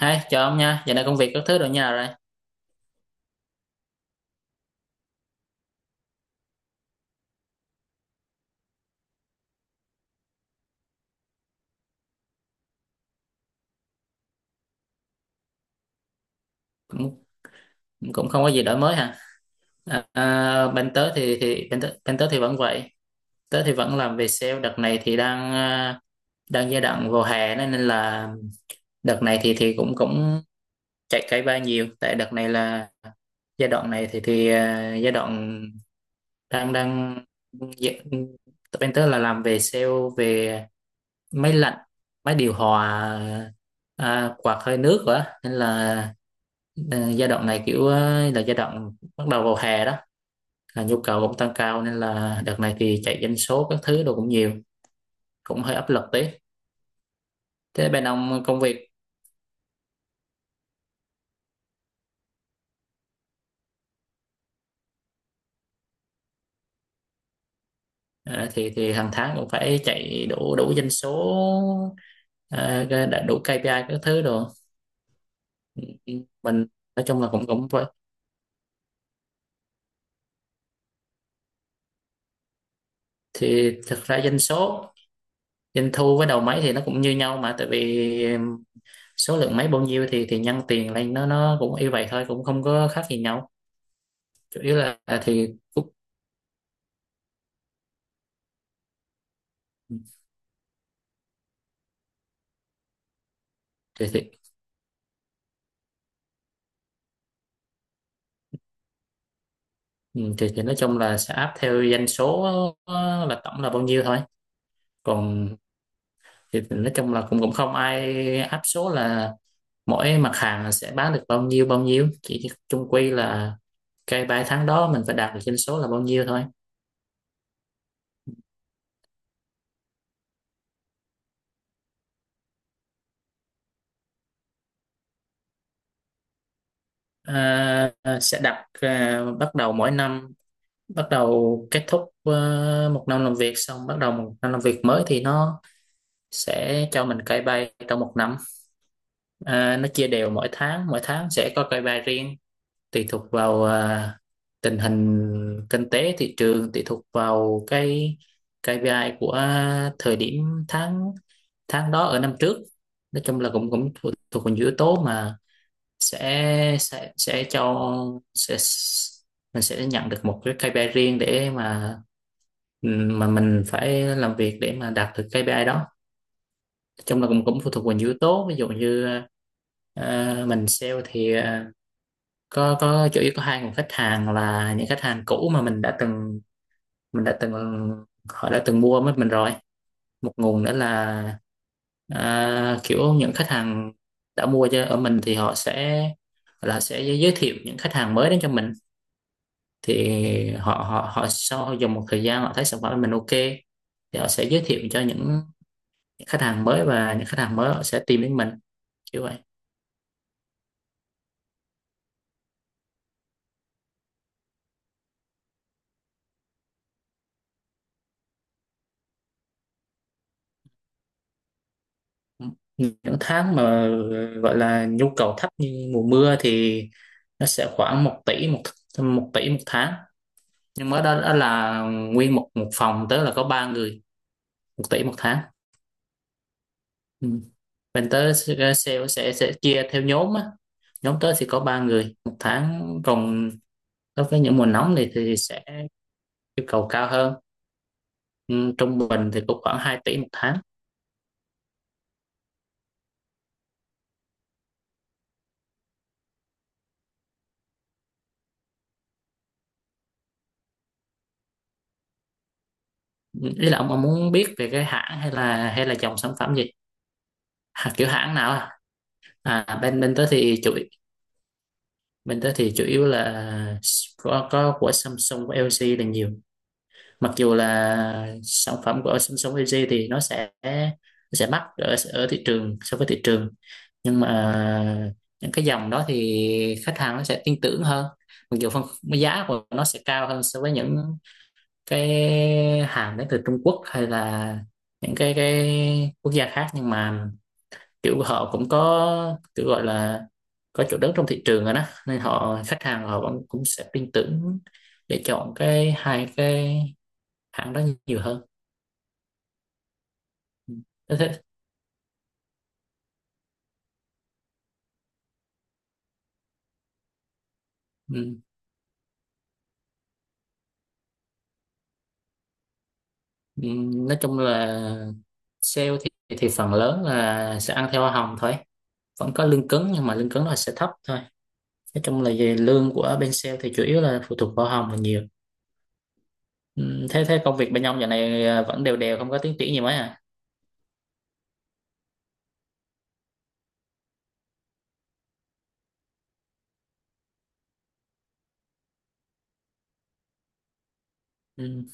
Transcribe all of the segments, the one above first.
Hi, chào ông nha. Giờ này công việc các thứ rồi nhà rồi. Cũng cũng không có gì đổi mới hả? À, à, bên tớ thì bên tớ thì vẫn vậy. Tớ thì vẫn làm về sale. Đợt này thì đang đang giai đoạn vào hè nên nên là đợt này thì cũng cũng chạy cây ba nhiều. Tại đợt này là giai đoạn này thì giai đoạn đang đang dạ, bên tớ là làm về sale, về máy lạnh, máy điều hòa, quạt hơi nước rồi á. Giai đoạn này kiểu là giai đoạn bắt đầu vào hè đó, là nhu cầu cũng tăng cao nên là đợt này thì chạy doanh số các thứ đồ cũng nhiều, cũng hơi áp lực tí. Thế bên ông công việc? Thì hàng tháng cũng phải chạy đủ đủ doanh số, đã đủ KPI các thứ đồ. Ừ, mình nói chung là cũng cũng vậy. Thì thực ra doanh thu với đầu máy thì nó cũng như nhau, mà tại vì số lượng máy bao nhiêu thì nhân tiền lên nó cũng như vậy thôi, cũng không có khác gì nhau. Chủ yếu là thì thì, ừ, thì nói chung là sẽ áp theo doanh số, là tổng là bao nhiêu thôi. Còn thì nói chung là cũng cũng không ai áp số là mỗi mặt hàng là sẽ bán được bao nhiêu bao nhiêu, chỉ chung quy là cái 3 tháng đó mình phải đạt được doanh số là bao nhiêu thôi. à, sẽ đặt bắt đầu mỗi năm, bắt đầu kết thúc một năm làm việc xong bắt đầu một năm làm việc mới thì nó sẽ cho mình KPI trong 1 năm. Nó chia đều mỗi tháng, mỗi tháng sẽ có KPI riêng, tùy thuộc vào tình hình kinh tế thị trường, tùy thuộc vào cái KPI của thời điểm tháng tháng đó ở năm trước. Nói chung là cũng cũng thuộc, thuộc vào những yếu tố mà sẽ sẽ sẽ cho sẽ mình sẽ nhận được một cái KPI riêng để mà mình phải làm việc để mà đạt được KPI đó. Nói chung là cũng cũng phụ thuộc vào nhiều yếu tố, ví dụ như mình sale thì có chủ yếu có 2 nguồn khách hàng, là những khách hàng cũ mà mình đã từng mình đã từng họ đã từng mua với mình rồi. Một nguồn nữa là kiểu những khách hàng đã mua cho ở mình thì họ sẽ là sẽ giới thiệu những khách hàng mới đến cho mình. Thì họ họ họ sau dùng một thời gian họ thấy sản phẩm của mình ok thì họ sẽ giới thiệu cho những khách hàng mới, và những khách hàng mới họ sẽ tìm đến mình, kiểu vậy. Những tháng mà gọi là nhu cầu thấp như mùa mưa thì nó sẽ khoảng 1 tỷ, một một tỷ một tháng. Nhưng mà đó, đó là nguyên một một phòng, tức là có 3 người, 1 tỷ 1 tháng. Ừ, bên tớ sẽ sẽ chia theo nhóm á. Nhóm tớ thì có 3 người 1 tháng. Còn đối với những mùa nóng này thì sẽ yêu cầu cao hơn. Ừ, trung bình thì cũng khoảng 2 tỷ 1 tháng. Ừ, ý là ông muốn biết về cái hãng hay là dòng sản phẩm gì? Hả, kiểu hãng nào à? À, bên bên tớ thì chủ bên tớ thì chủ yếu là có của Samsung, của LG là nhiều. Mặc dù là sản phẩm của Samsung LG thì nó sẽ mắc ở ở thị trường, so với thị trường, nhưng mà những cái dòng đó thì khách hàng nó sẽ tin tưởng hơn. Mặc dù phân giá của nó sẽ cao hơn so với những cái hàng đến từ Trung Quốc, hay là những cái quốc gia khác, nhưng mà kiểu họ cũng có kiểu gọi là có chỗ đứng trong thị trường rồi đó, nên họ khách hàng họ vẫn cũng sẽ tin tưởng để chọn cái hai cái hãng đó nhiều hơn. Ừ. thế thế- ừ. Ừ, nói chung là sale thì phần lớn là sẽ ăn theo hoa hồng thôi. Vẫn có lương cứng nhưng mà lương cứng nó sẽ thấp thôi. Nói chung là về lương của bên sale thì chủ yếu là phụ thuộc vào hoa hồng là nhiều. Ừ, thế thế công việc bên ông giờ này vẫn đều đều không có tiến triển gì mấy à? Ừ.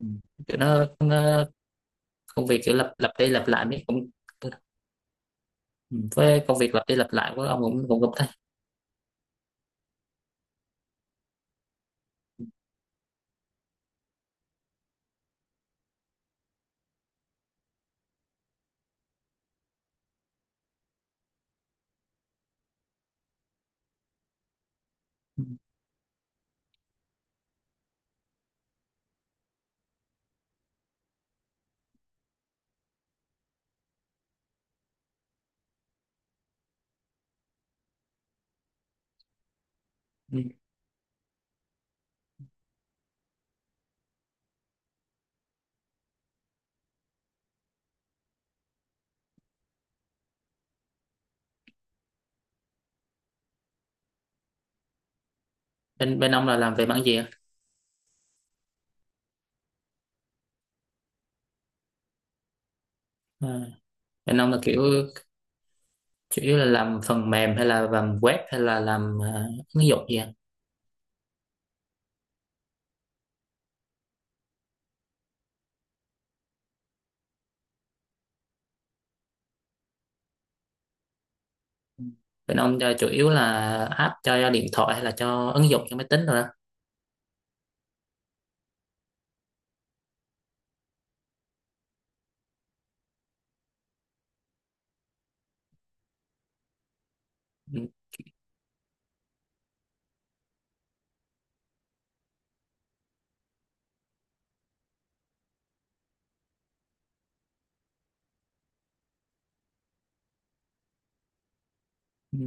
Ừ. Kiểu nó công việc kiểu lặp lặp đi lặp lại mấy cũng với công việc lặp đi lặp lại của ông cũng cũng gặp thấy. Ừ. bên bên ông là làm về mảng gì ạ? à, Bên ông là kiểu chủ yếu là làm phần mềm, hay là làm web, hay là làm ứng dụng gì ạ? Ừ, bên ông là chủ yếu là app cho điện thoại hay là cho ứng dụng cho máy tính rồi đó? Ừ. Ừ,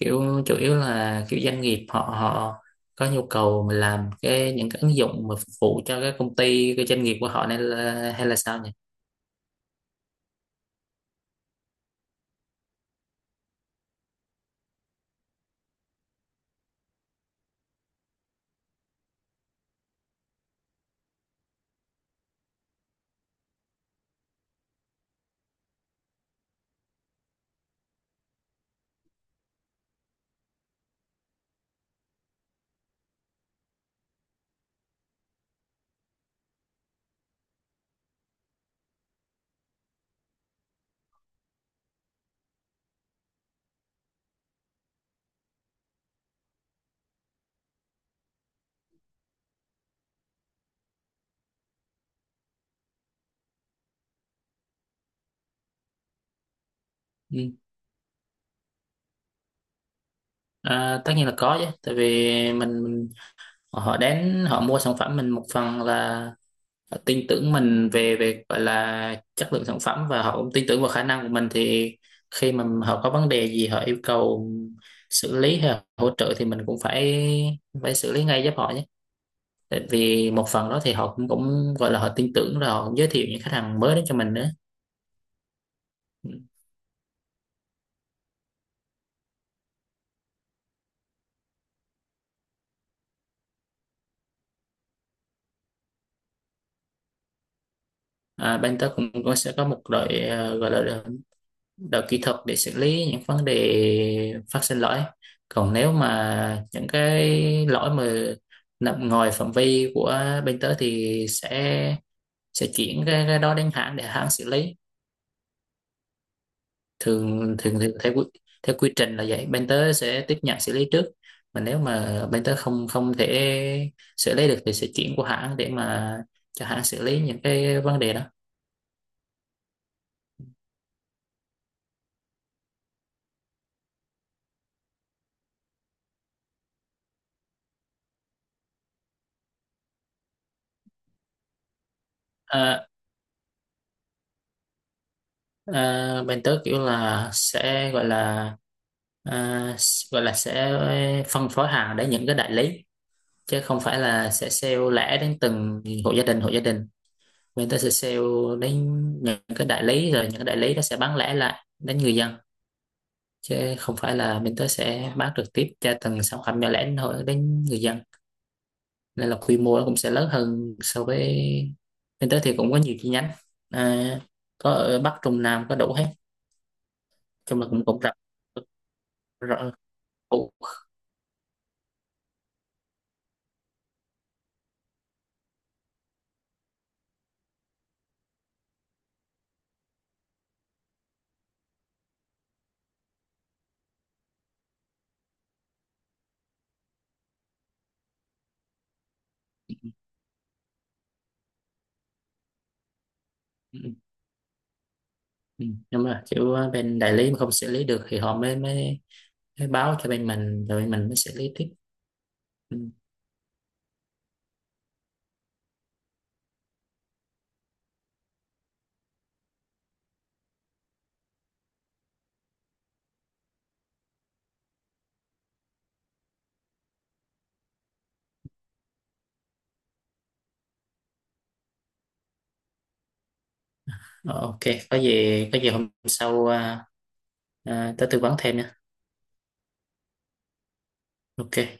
kiểu chủ yếu là kiểu doanh nghiệp họ họ có nhu cầu mà làm những cái ứng dụng mà phục vụ cho cái công ty, cái doanh nghiệp của họ nên là, hay là sao nhỉ? À, tất nhiên là có chứ, tại vì mình họ đến họ mua sản phẩm mình, một phần là họ tin tưởng mình về về gọi là chất lượng sản phẩm, và họ cũng tin tưởng vào khả năng của mình. Thì khi mà họ có vấn đề gì họ yêu cầu xử lý hay là hỗ trợ thì mình cũng phải phải xử lý ngay giúp họ nhé. Tại vì một phần đó thì họ cũng cũng gọi là họ tin tưởng rồi họ cũng giới thiệu những khách hàng mới đến cho mình nữa. Ừ. À, bên tớ cũng sẽ có một đội gọi là đội kỹ thuật để xử lý những vấn đề phát sinh lỗi. Còn nếu mà những cái lỗi mà nằm ngoài phạm vi của bên tớ thì sẽ chuyển cái đó đến hãng để hãng xử lý. Thường thường thì theo theo quy trình là vậy, bên tớ sẽ tiếp nhận xử lý trước, mà nếu mà bên tớ không không thể xử lý được thì sẽ chuyển qua hãng để mà cho hãng xử lý những cái vấn đề đó. à, Bên tớ kiểu là sẽ gọi là à, sẽ phân phối hàng đến những cái đại lý, chứ không phải là sẽ sale lẻ đến từng hộ gia đình. Người ta sẽ sale đến những cái đại lý, rồi những cái đại lý nó sẽ bán lẻ lại đến người dân, chứ không phải là mình tới sẽ bán trực tiếp cho từng sản phẩm nhỏ lẻ đến hộ đến người dân. Nên là quy mô nó cũng sẽ lớn hơn. So với mình tới thì cũng có nhiều chi nhánh, à, có ở Bắc Trung Nam có đủ hết. Chung là cũng cũng rộng, rộng đủ. Ừ, đúng rồi, kiểu bên đại lý mà không xử lý được thì họ mới mới, mới báo cho bên mình, rồi bên mình mới xử lý tiếp. Ừ. Ờ, ok, có gì có gì hôm sau tới tư vấn thêm nha. Ok.